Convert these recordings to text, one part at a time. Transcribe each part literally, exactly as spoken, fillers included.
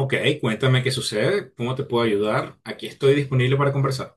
Ok, cuéntame qué sucede, cómo te puedo ayudar. Aquí estoy disponible para conversar.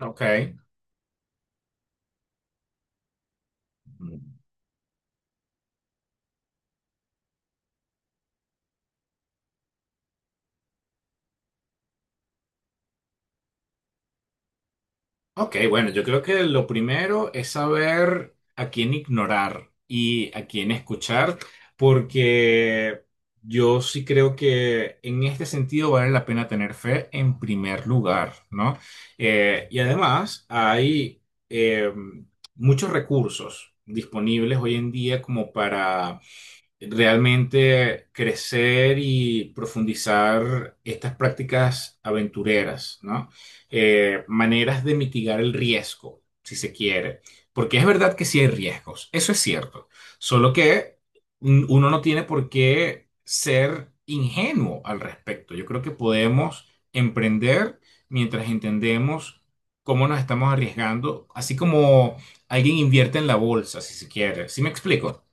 Ok. Ok, bueno, yo creo que lo primero es saber a quién ignorar y a quién escuchar, porque yo sí creo que en este sentido vale la pena tener fe en primer lugar, ¿no? Eh, y además hay eh, muchos recursos disponibles hoy en día como realmente crecer y profundizar estas prácticas aventureras, ¿no? Eh, maneras de mitigar el riesgo, si se quiere, porque es verdad que sí hay riesgos, eso es cierto, solo que mm, uno no tiene por qué ser ingenuo al respecto. Yo creo que podemos emprender mientras entendemos cómo nos estamos arriesgando, así como alguien invierte en la bolsa, si se quiere. ¿Sí me explico?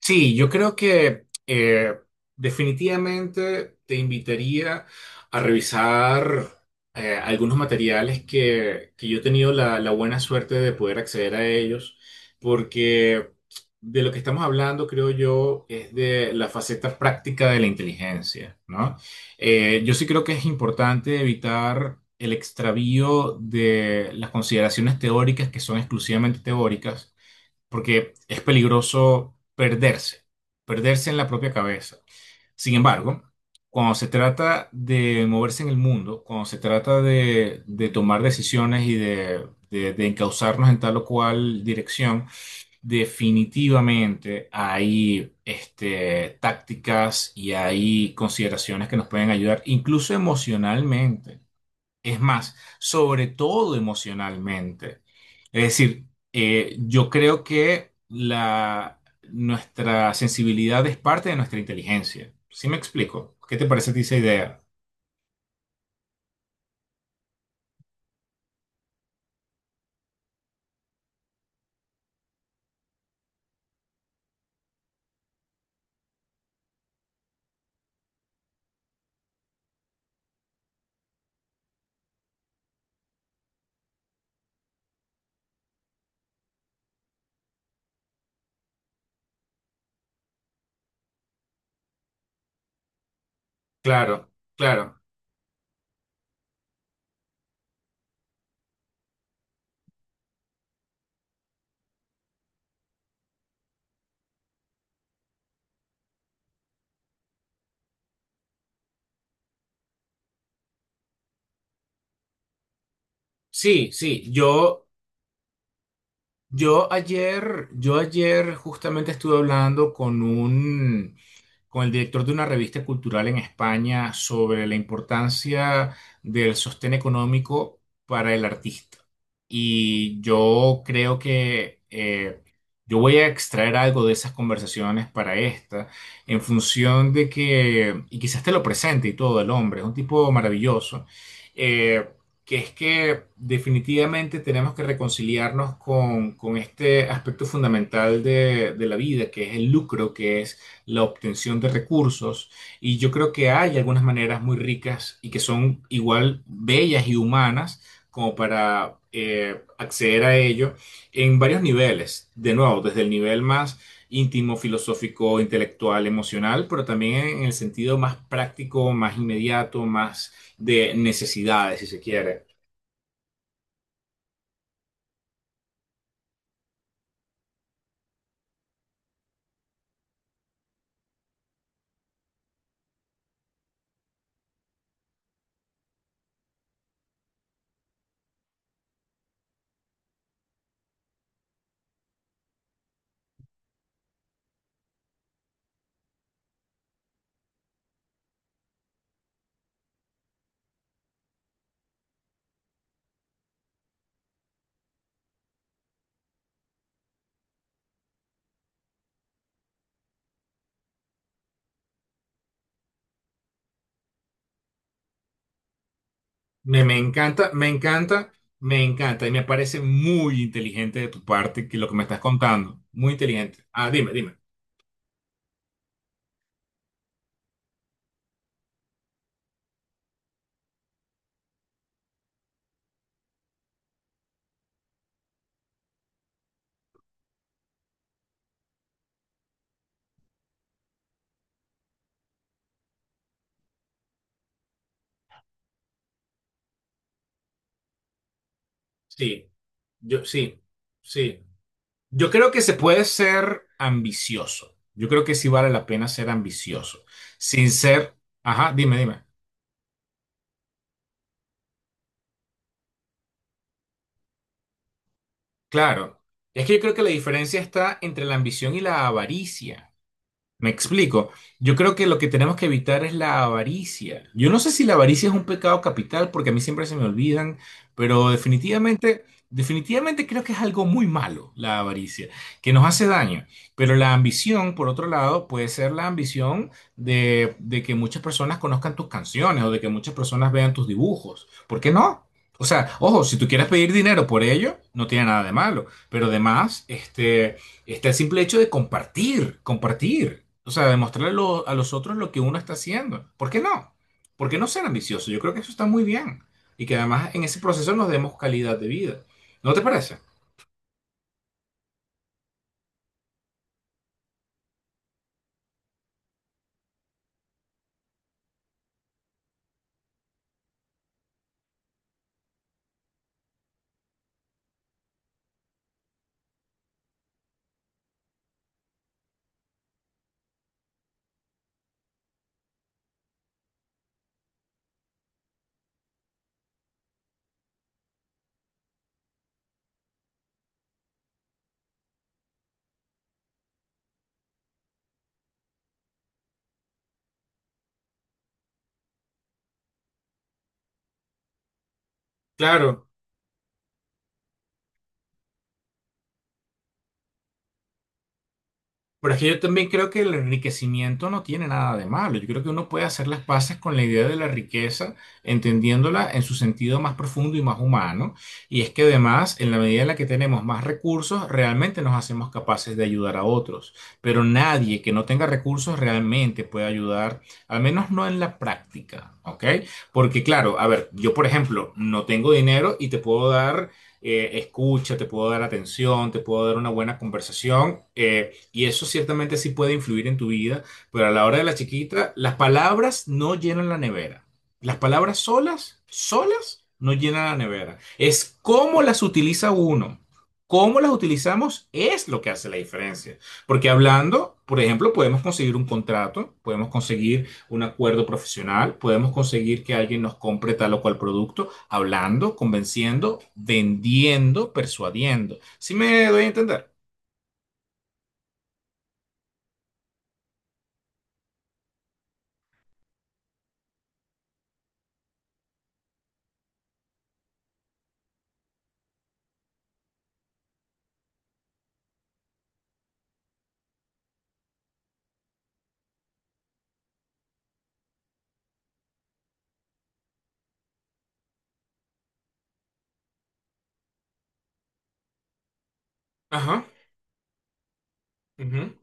Sí, yo creo que eh, definitivamente te invitaría a revisar eh, algunos materiales que, que yo he tenido la, la buena suerte de poder acceder a ellos, porque de lo que estamos hablando, creo yo, es de la faceta práctica de la inteligencia, ¿no? Eh, yo sí creo que es importante evitar el extravío de las consideraciones teóricas que son exclusivamente teóricas porque es peligroso perderse, perderse en la propia cabeza. Sin embargo, cuando se trata de moverse en el mundo, cuando se trata de, de tomar decisiones y de, de, de encauzarnos en tal o cual dirección, definitivamente hay este, tácticas y hay consideraciones que nos pueden ayudar, incluso emocionalmente. Es más, sobre todo emocionalmente. Es decir, eh, yo creo que la, nuestra sensibilidad es parte de nuestra inteligencia. ¿Sí me explico? ¿Qué te parece a ti esa idea? Claro, claro. Sí, sí. Yo, yo ayer, yo ayer justamente estuve hablando con un con el director de una revista cultural en España sobre la importancia del sostén económico para el artista. Y yo creo que eh, yo voy a extraer algo de esas conversaciones para esta, en función de que, y quizás te lo presente y todo el hombre, es un tipo maravilloso, eh, que es que definitivamente tenemos que reconciliarnos con, con este aspecto fundamental de, de la vida, que es el lucro, que es la obtención de recursos y yo creo que hay algunas maneras muy ricas y que son igual bellas y humanas como para eh, acceder a ello en varios niveles. De nuevo, desde el nivel más íntimo, filosófico, intelectual, emocional, pero también en el sentido más práctico, más inmediato, más de necesidades, si se quiere. Me, me encanta, me encanta, me encanta y me parece muy inteligente de tu parte que lo que me estás contando. Muy inteligente. Ah, dime, dime. Sí, yo sí, sí. Yo creo que se puede ser ambicioso. Yo creo que sí vale la pena ser ambicioso. Sin ser, ajá, dime, dime. Claro. Es que yo creo que la diferencia está entre la ambición y la avaricia. Me explico. Yo creo que lo que tenemos que evitar es la avaricia. Yo no sé si la avaricia es un pecado capital, porque a mí siempre se me olvidan, pero definitivamente, definitivamente creo que es algo muy malo la avaricia, que nos hace daño. Pero la ambición, por otro lado, puede ser la ambición de, de que muchas personas conozcan tus canciones o de que muchas personas vean tus dibujos. ¿Por qué no? O sea, ojo, si tú quieres pedir dinero por ello, no tiene nada de malo, pero además, este... Está el simple hecho de compartir, compartir. O sea, demostrarle a, lo- a los otros lo que uno está haciendo. ¿Por qué no? ¿Por qué no ser ambicioso? Yo creo que eso está muy bien. Y que además en ese proceso nos demos calidad de vida. ¿No te parece? Claro. Pero es que yo también creo que el enriquecimiento no tiene nada de malo. Yo creo que uno puede hacer las paces con la idea de la riqueza, entendiéndola en su sentido más profundo y más humano. Y es que además, en la medida en la que tenemos más recursos, realmente nos hacemos capaces de ayudar a otros. Pero nadie que no tenga recursos realmente puede ayudar, al menos no en la práctica, ¿ok? Porque claro, a ver, yo por ejemplo, no tengo dinero y te puedo dar... eh, escucha, te puedo dar atención, te puedo dar una buena conversación, eh, y eso ciertamente sí puede influir en tu vida, pero a la hora de la chiquita, las palabras no llenan la nevera. Las palabras solas, solas, no llenan la nevera. Es cómo las utiliza uno. Cómo las utilizamos es lo que hace la diferencia. Porque hablando, por ejemplo, podemos conseguir un contrato, podemos conseguir un acuerdo profesional, podemos conseguir que alguien nos compre tal o cual producto, hablando, convenciendo, vendiendo, persuadiendo. ¿Sí me doy a entender? Ajá. Ujú.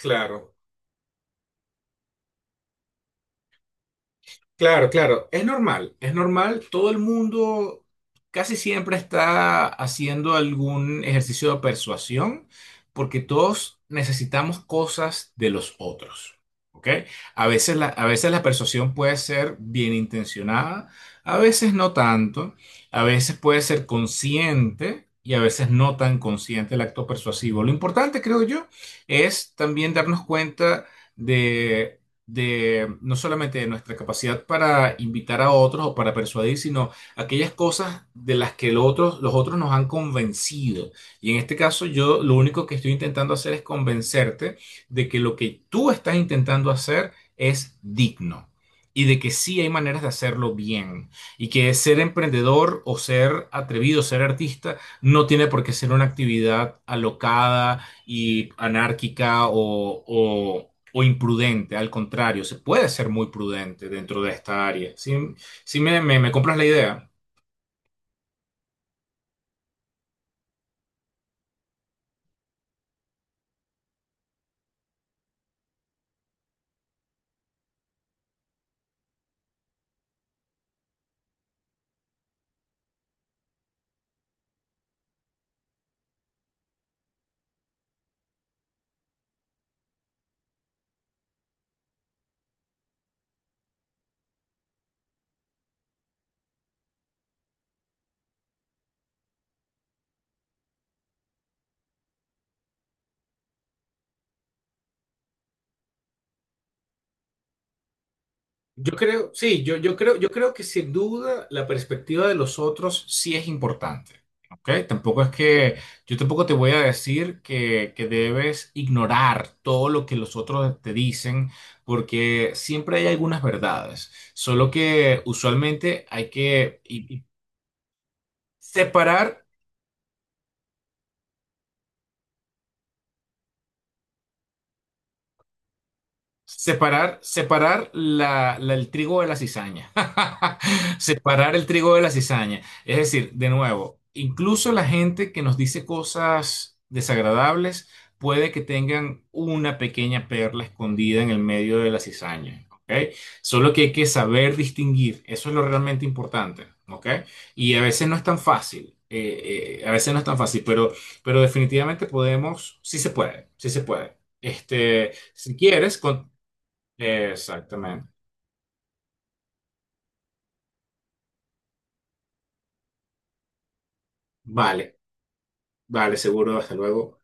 Claro, claro, claro. Es normal, es normal. Todo el mundo casi siempre está haciendo algún ejercicio de persuasión porque todos necesitamos cosas de los otros. ¿Ok? A veces la, a veces la persuasión puede ser bien intencionada, a veces no tanto, a veces puede ser consciente y a veces no tan consciente el acto persuasivo. Lo importante, creo yo, es también darnos cuenta de de no solamente de nuestra capacidad para invitar a otros o para persuadir, sino aquellas cosas de las que los otros los otros nos han convencido. Y en este caso yo lo único que estoy intentando hacer es convencerte de que lo que tú estás intentando hacer es digno. Y de que sí hay maneras de hacerlo bien. Y que ser emprendedor o ser atrevido, ser artista, no tiene por qué ser una actividad alocada, y anárquica o, o- o imprudente. Al contrario, se puede ser muy prudente dentro de esta área. ¿Sí, sí me, me- Me compras la idea? Yo creo, sí, yo, yo creo, yo creo que sin duda la perspectiva de los otros sí es importante. ¿Ok? Tampoco es que yo tampoco te voy a decir que, que debes ignorar todo lo que los otros te dicen, porque siempre hay algunas verdades. Solo que usualmente hay que y- y separar. Separar, separar la, la- el trigo de la cizaña. Separar el trigo de la cizaña. Es decir, de nuevo, incluso la gente que nos dice cosas desagradables puede que tengan una pequeña perla escondida en el medio de la cizaña. ¿Ok? Solo que hay que saber distinguir. Eso es lo realmente importante. ¿Ok? Y a veces no es tan fácil. Eh, eh, a veces no es tan fácil, pero, pero definitivamente podemos, sí se puede, sí se puede. Este, si quieres, con- Exactamente. Vale, vale, seguro. Hasta luego.